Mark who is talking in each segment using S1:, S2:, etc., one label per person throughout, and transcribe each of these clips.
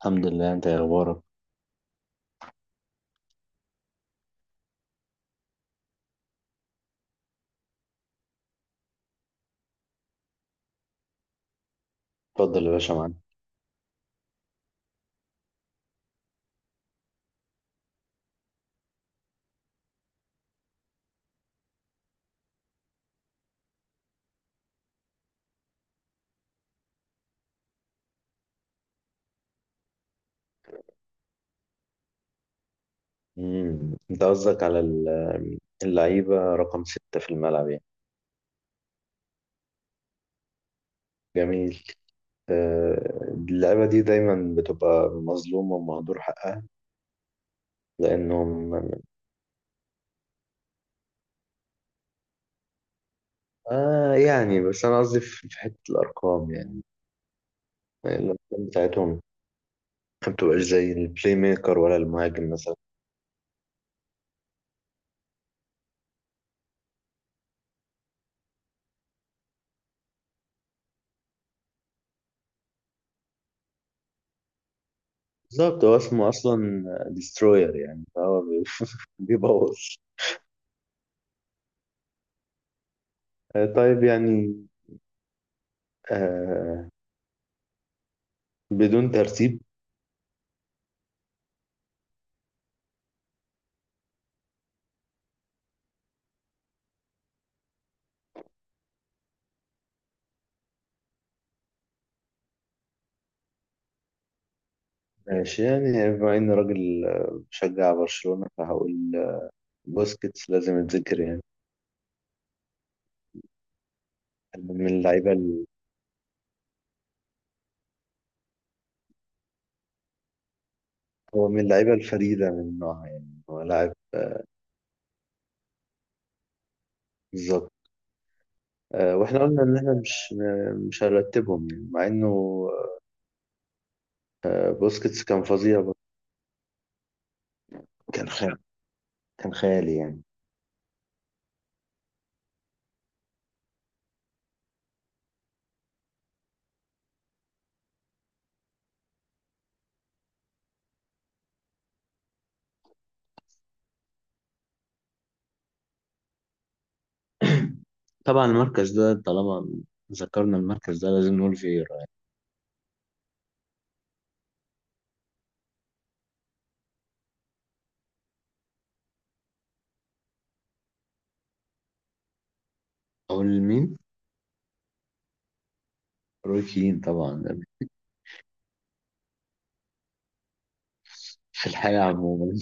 S1: الحمد لله، انت يا اخبارك؟ اتفضل يا باشا معانا. انت قصدك على اللعيبه رقم ستة في الملعب يعني. جميل. آه، اللعيبه دي دايما بتبقى مظلومه ومهدور حقها لانهم. آه يعني بس انا قصدي في حته الارقام يعني. الارقام بتاعتهم ما بتبقاش زي البلاي ميكر ولا المهاجم مثلا. بالظبط هو اسمه اصلا ديستروير يعني فهو بيبوظ. آه، طيب يعني. آه بدون ترتيب. ماشي يعني بما إني راجل آه، بشجع برشلونة فهقول آه، بوسكيتس لازم يتذكر يعني. من اللعيبة هو من اللعيبة الفريدة من نوعها يعني هو لاعب. بالظبط. آه، واحنا قلنا ان احنا مش هنرتبهم يعني مع انه آه، بوسكيتس كان فظيع برضه. كان خيال، كان خيالي يعني. طبعا المركز ده طالما ذكرنا المركز ده لازم نقول فييرا. اقول مين؟ روي كين طبعا. في الحياة عموما.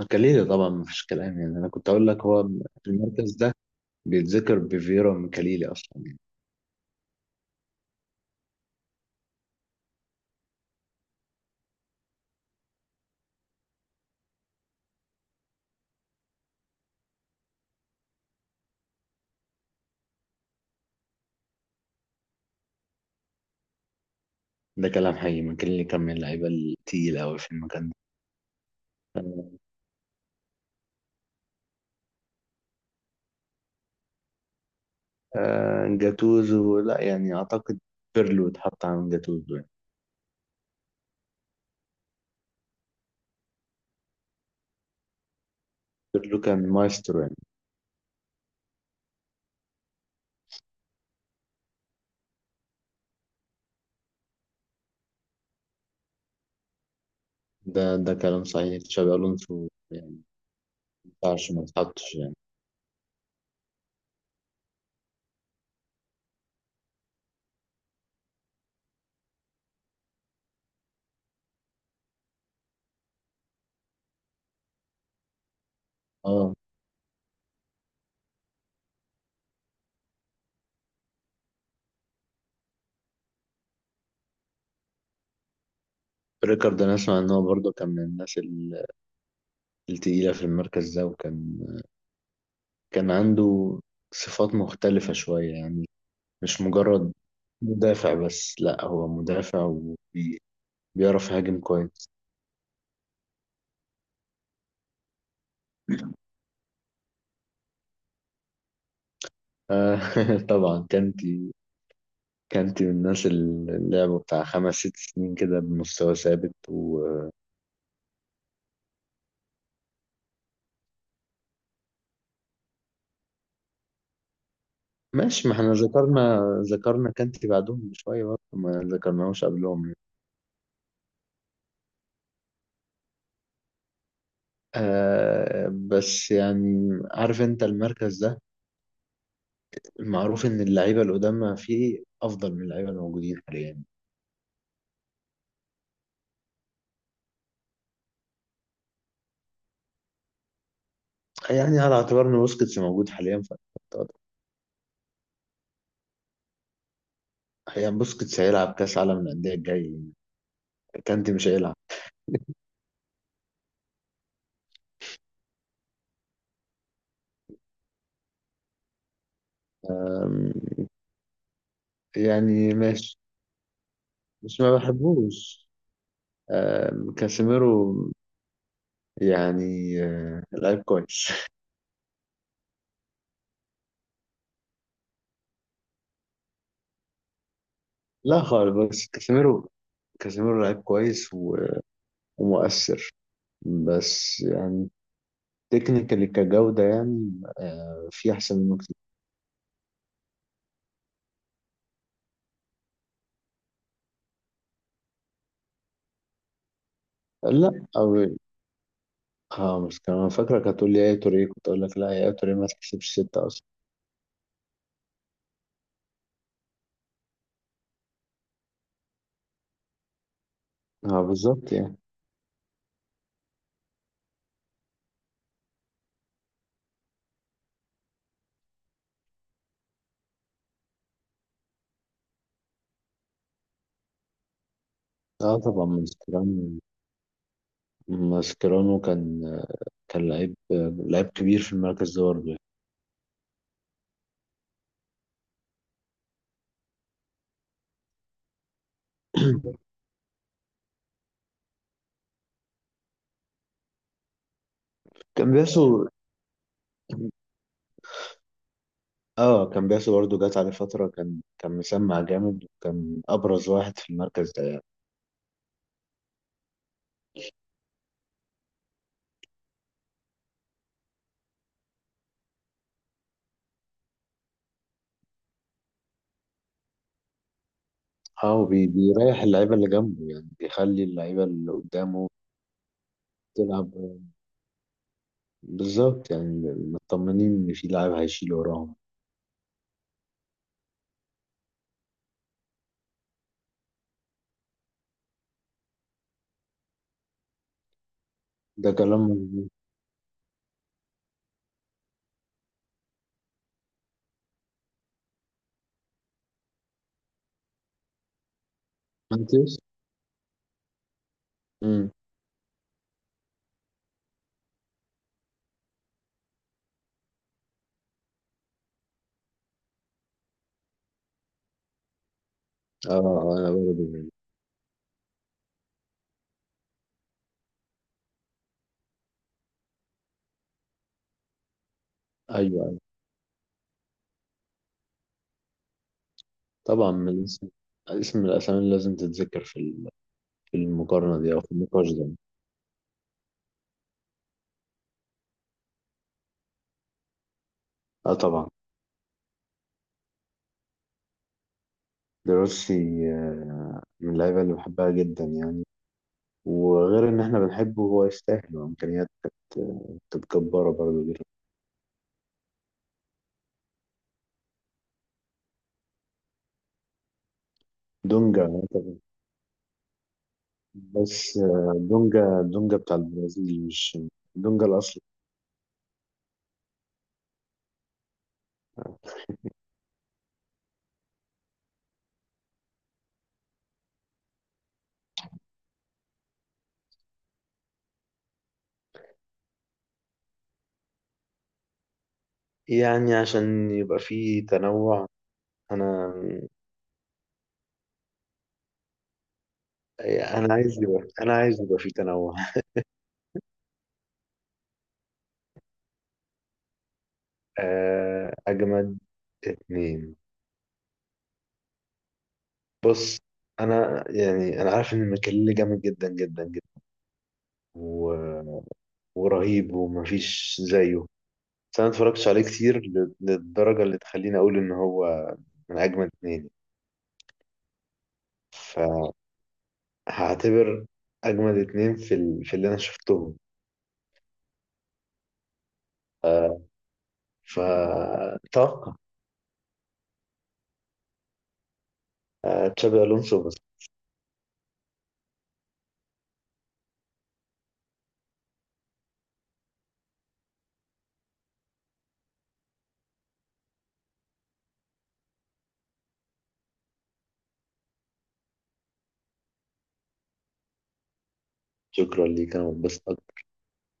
S1: مكاليلي طبعا مفيش كلام، يعني انا كنت اقول لك هو في المركز ده بيتذكر بفيرا مكاليلي اصلا يعني. ده كلام حقيقي، مكاليلي كان من اللعيبه التقيله قوي في المكان ده. آه جاتوزو لا يعني اعتقد بيرلو اتحط عن جاتوزو يعني. بيرلو كان مايسترو يعني. ده كلام صحيح، تشابي الونسو يعني ما ينفعش ما يتحطش يعني. اه ريكارد، انا اسمع ان هو برضه كان من الناس التقيله في المركز ده، وكان كان عنده صفات مختلفة شوية يعني، مش مجرد مدافع بس، لا هو مدافع وبيعرف يهاجم كويس. آه، طبعا كانتي. كانتي من الناس اللي لعبوا بتاع خمس ست سنين كده بمستوى ثابت وماشي. ما احنا ذكرنا كانتي بعدهم بشوية برضه، ما ذكرناهوش قبلهم يعني. آه بس يعني عارف انت المركز ده المعروف ان اللعيبة القدامى فيه افضل من اللعيبة الموجودين حاليا. يعني على اعتبار ان بوسكيتس موجود حاليا. هي بوسكيتس هيلعب كاس عالم الانديه الجاي، كانتي مش هيلعب. أم، يعني ماشي، بس ما بحبوش. كاسيميرو يعني آه، لعيب كويس. لا خالص، بس كاسيميرو. كاسيميرو لعيب كويس ومؤثر، بس يعني تكنيكالي كجودة يعني آه، في أحسن منه كتير. لا أو اه بس كمان فاكرة، كانت تقول لي يا توريه كنت أقول لك لا يا توريه ما تحسبش ستة أصلا. اه بالظبط يعني. اه طبعا من سكرام. ماسكيرانو كان لعيب كبير في المركز ده برضه يعني. كان بياسو. اه كان بياسو برضه جات عليه فترة كان مسمع جامد، وكان أبرز واحد في المركز ده يعني. اه بيريح اللعيبة اللي جنبه يعني، بيخلي اللعيبة اللي قدامه تلعب. بالظبط يعني، مطمنين إن في لاعب هيشيل وراهم. ده كلام مظبوط. مانتيوس. امم اه آه، انا برضه يعني. ايوه، ايوه. طبعا من الاسم، اسم الاسامي اللي لازم تتذكر في في المقارنة دي او في النقاش ده. اه طبعا. دروسي آه، من اللعيبه اللي بحبها جدا يعني، وغير ان احنا بنحبه هو يستاهل وامكانيات كانت آه، كانت جباره برضه دي. دونجا طبعا، بس آه، دونجا دونجا بتاع البرازيل مش دونجا الاصلي. يعني عشان يبقى فيه تنوع. انا انا عايز يبقى فيه تنوع. آه، اجمد اتنين. بص انا يعني انا عارف ان ميكيليلي جامد جدا جدا جدا ورهيب ومفيش زيه، بس انا متفرجتش عليه كتير للدرجة اللي تخليني اقول ان هو من اجمد اتنين. فهعتبر اجمد اتنين في اللي انا شفتهم. فتوقع تشابي الونسو بس. شكرا ليه كان بس.